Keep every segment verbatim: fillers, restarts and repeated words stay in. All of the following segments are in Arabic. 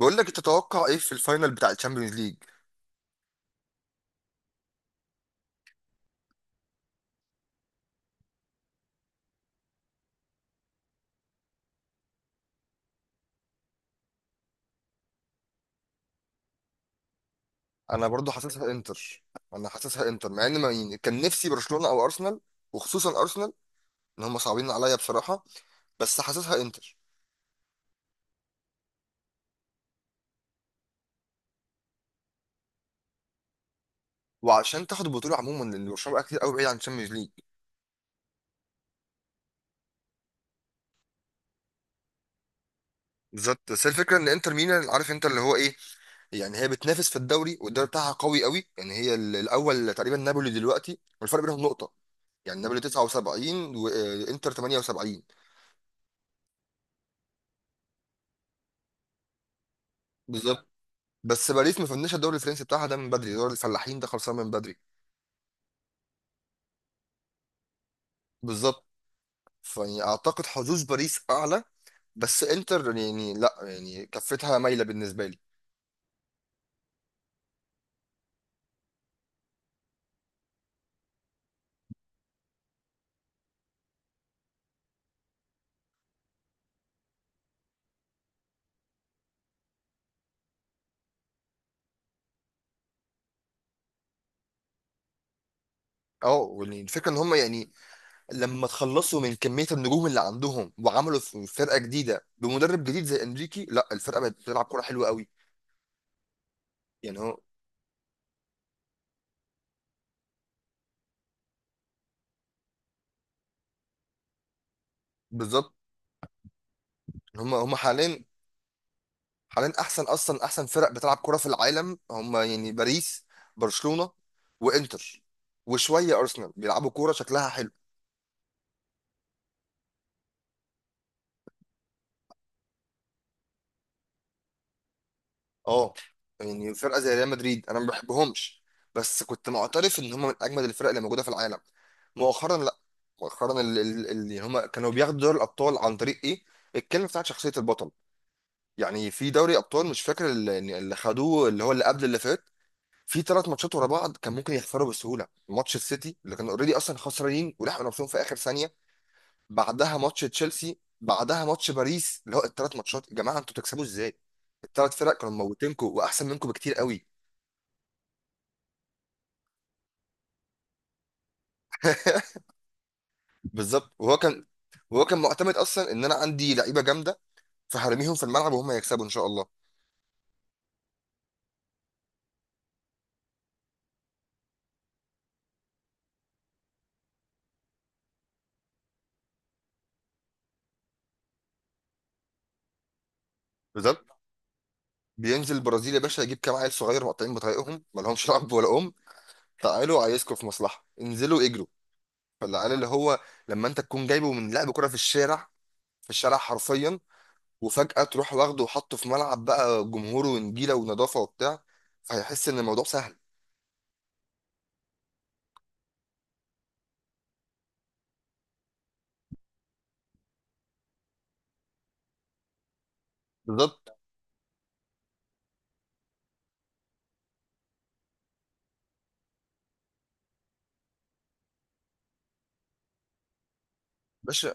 بقول لك تتوقع ايه في الفاينل بتاع الشامبيونز ليج؟ انا برضو حاسسها انتر. انا حاسسها انتر مع ان ما يعني كان نفسي برشلونة او ارسنال، وخصوصا ارسنال، ان هم صعبين عليا بصراحة. بس حاسسها انتر. وعشان تاخد البطولة عموما لان برشلونة بقى كتير قوي بعيد عن الشامبيونز ليج. بالظبط. بس هي الفكرة ان انتر ميلان عارف انت اللي هو ايه، يعني هي بتنافس في الدوري والدوري بتاعها قوي قوي، يعني هي ال- الاول تقريبا نابولي دلوقتي والفرق بينهم نقطة. يعني نابولي تسعة وسبعين وانتر تمانية وسبعين. بالظبط. بس باريس ما فنش الدوري الفرنسي بتاعها ده من بدري، دوري الفلاحين ده خلصان من بدري. بالظبط، فيعني اعتقد حظوظ باريس اعلى. بس انتر يعني لا، يعني كفتها مايله بالنسبه لي. اه يعني الفكره ان هم يعني لما تخلصوا من كميه النجوم اللي عندهم وعملوا ف- فرقه جديده بمدرب جديد زي انريكي، لا الفرقه بقت بتلعب كوره حلوه قوي. يعني هو. بالظبط. هم هم حاليا. حاليا احسن اصلا احسن فرق بتلعب كوره في العالم هم، يعني باريس، برشلونه، وانتر، وشويه ارسنال بيلعبوا كوره شكلها حلو. اه يعني فرقه زي ريال مدريد انا ما بحبهمش. بس كنت معترف ان هم من اجمد الفرق اللي موجوده في العالم. مؤخرا لا. مؤخرا ال- ال- اللي هم كانوا بياخدوا دوري الابطال عن طريق ايه، الكلمه بتاعت شخصيه البطل. يعني في دوري ابطال مش فاكر اللي اللي خدوه، اللي هو اللي قبل اللي فات، في ثلاث ماتشات ورا بعض كان ممكن يخسروا بسهوله. ماتش السيتي اللي كانوا اوريدي اصلا خسرانين ولحقوا نفسهم في اخر ثانيه، بعدها ماتش تشيلسي، بعدها ماتش باريس، اللي هو الثلاث ماتشات يا جماعه انتوا تكسبوا ازاي؟ الثلاث فرق كانوا موتينكوا واحسن منكم بكتير قوي. بالظبط وهو كان، وهو كان معتمد اصلا ان انا عندي لعيبه جامده، فهرميهم في الملعب وهم يكسبوا ان شاء الله. بالظبط. بينزل البرازيل يا باشا يجيب كام عيل صغير مقطعين بطريقهم ما لهمش لعب ولا ام، تعالوا عايزكم في مصلحه انزلوا اجروا. فالعيال اللي هو لما انت تكون جايبه من لعب كره في الشارع، في الشارع حرفيا، وفجاه تروح واخده وحطه في ملعب بقى، جمهوره ونجيله ونظافه وبتاع، فهيحس ان الموضوع سهل. بالظبط باشا.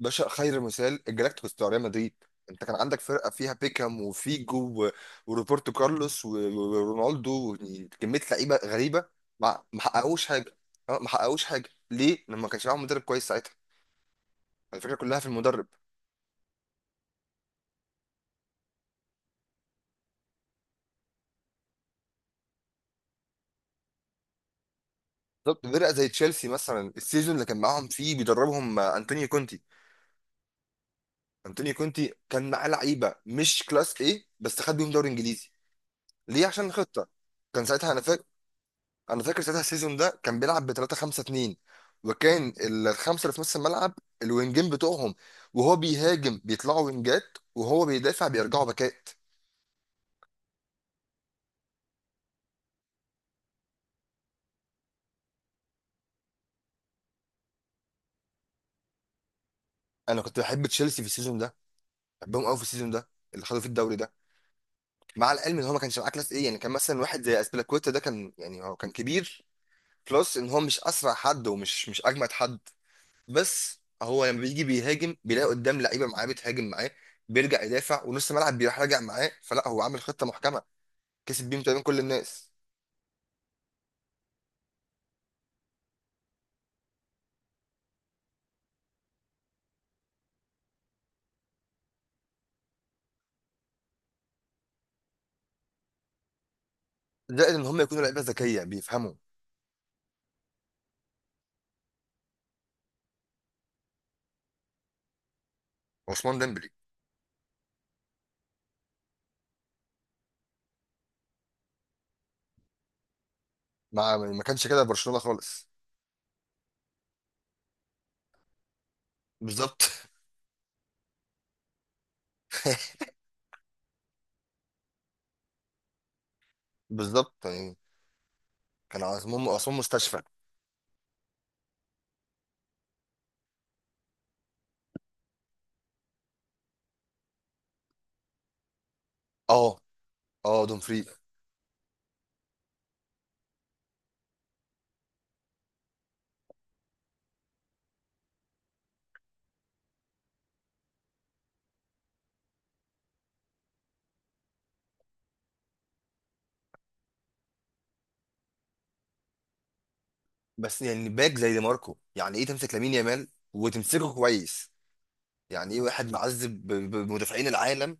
باشا خير مثال الجلاكتيكوس بتاع ريال مدريد. انت كان عندك فرقه فيها بيكهام وفيجو و- وروبرتو كارلوس و- و- ورونالدو، يعني كميه لعيبه غريبه. ما ما حققوش حاجه. اه ما حققوش حاجه ليه؟ لما ما كانش معاهم مدرب كويس ساعتها. الفكره كلها في المدرب. بالظبط. فرقه زي تشيلسي مثلا، السيزون اللي كان معاهم فيه بيدربهم آه، انطونيو كونتي. انطونيو كونتي كان معاه لعيبه مش كلاس ايه، بس خد بيهم دوري انجليزي. ليه؟ عشان خطه. كان ساعتها انا فاكر. انا فاكر ساعتها السيزون ده كان بيلعب ب ثلاثة خمسة اتنين، وكان ال- الخمسه اللي في نص الملعب الوينجين بتوعهم، وهو بيهاجم بيطلعوا وينجات وهو بيدافع بيرجعوا باكات. انا كنت بحب تشيلسي في السيزون ده. بحبهم قوي في السيزون ده اللي خدوا فيه الدوري ده، مع العلم ان هو ما كانش معاه كلاس ايه. يعني كان مثلا واحد زي اسبلاكويتا ده كان يعني هو كان كبير، بلس ان هو مش اسرع حد ومش مش اجمد حد. بس هو لما بيجي بيهاجم بيلاقي قدام لعيبه معاه بتهاجم معاه، بيرجع يدافع ونص الملعب بيروح راجع معاه، فلا هو عامل خطه محكمه. كسب بيهم تقريبا كل الناس. زائد ان هم يكونوا لعيبه ذكيه بيفهموا. عثمان ديمبلي. ما ما كانش كده في برشلونه خالص. بالظبط. بالظبط يعني كان عثمان عثمان مستشفى. اه. اه دومفري. بس يعني باك زي دي ماركو، يعني ايه تمسك لامين يامال وتمسكه كويس؟ يعني ايه واحد معذب ب- ب- بمدافعين العالم،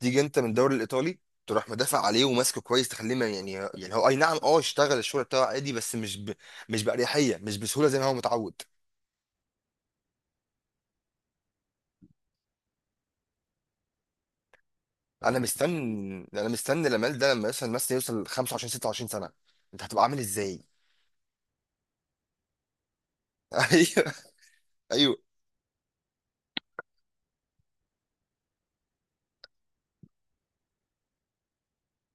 تيجي انت من الدوري الايطالي تروح مدافع عليه وماسكه كويس، تخليه ما- يعني يعني هو اي نعم، اه اشتغل الشغل بتاعه عادي، بس مش ب... مش باريحيه، مش بسهوله زي ما هو متعود. انا مستني. انا مستني لامال ده لما يوصل مثلا يوصل خمسة وعشرين ستة وعشرين سنه، انت هتبقى عامل ازاي؟ ايوه. ايوه.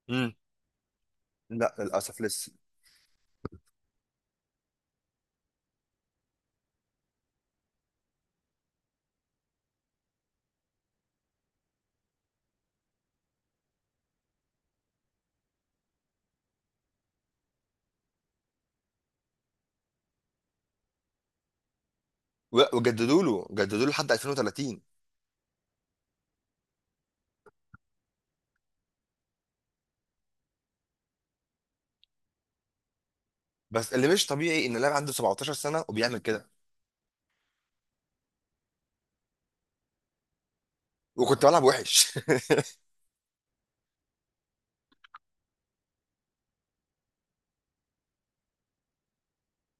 امم. لا للاسف لسه. و- وجددوا له جددوا له لحد الفين وثلاثين. بس اللي مش طبيعي ان اللاعب عنده سبعتاشر سنه وبيعمل كده. وكنت بلعب وحش.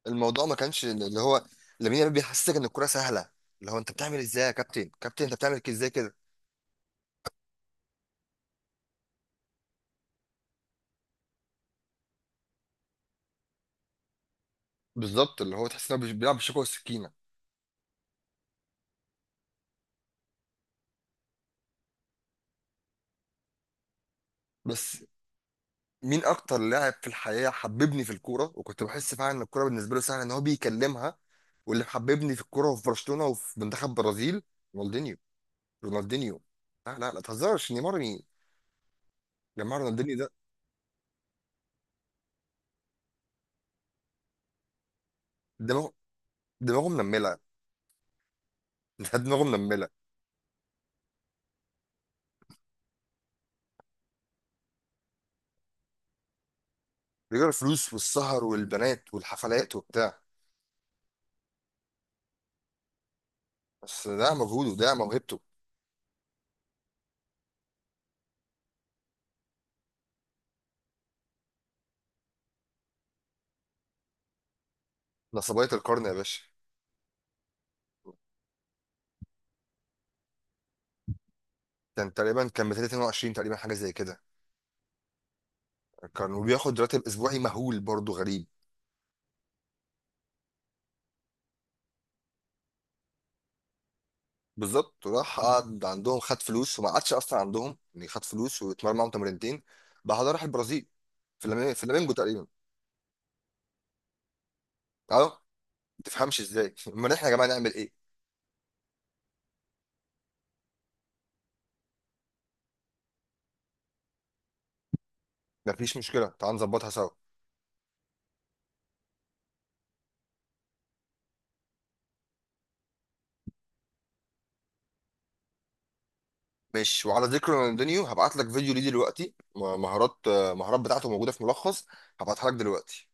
الموضوع ما كانش اللي هو لامين يامال بيحسسك ان الكرة سهله، اللي هو انت بتعمل ازاي يا كابتن، كابتن انت بتعمل كده ازاي كده. بالظبط، اللي هو تحس انه بيلعب بالشوكه والسكينه. بس مين اكتر لاعب في الحياه حببني في الكوره وكنت بحس فعلا ان الكوره بالنسبه له سهله ان هو بيكلمها، واللي حببني في الكوره وفي برشلونه وفي منتخب برازيل؟ رونالدينيو. رونالدينيو. لا لا لا تهزرش. نيمار مين؟ نيمار رونالدينيو ده. دماغه دماغه منمله. ده دماغه منمله. رجال الفلوس والسهر والبنات والحفلات وبتاع. بس ده مجهوده، ده موهبته. نصبية القرن يا باشا. كان تقريبا كان اتنين وعشرين تقريبا، حاجه زي كده. كان وبياخد راتب اسبوعي مهول برضه غريب. بالظبط، راح قعد عندهم، خد فلوس وما قعدش اصلا عندهم يعني. خد فلوس واتمرن معاهم تمرينتين، بعدها راح البرازيل. في الفلامينجو في الفلامينجو تقريبا. اه ما تفهمش ازاي. امال احنا يا جماعه نعمل ايه؟ مفيش مشكله، تعال نظبطها سوا. ماشي. وعلى ذكر رونالدينيو هبعت لك فيديو ليه دلوقتي، مهارات المهارات بتاعته موجوده في ملخص. هبعتها لك دلوقتي.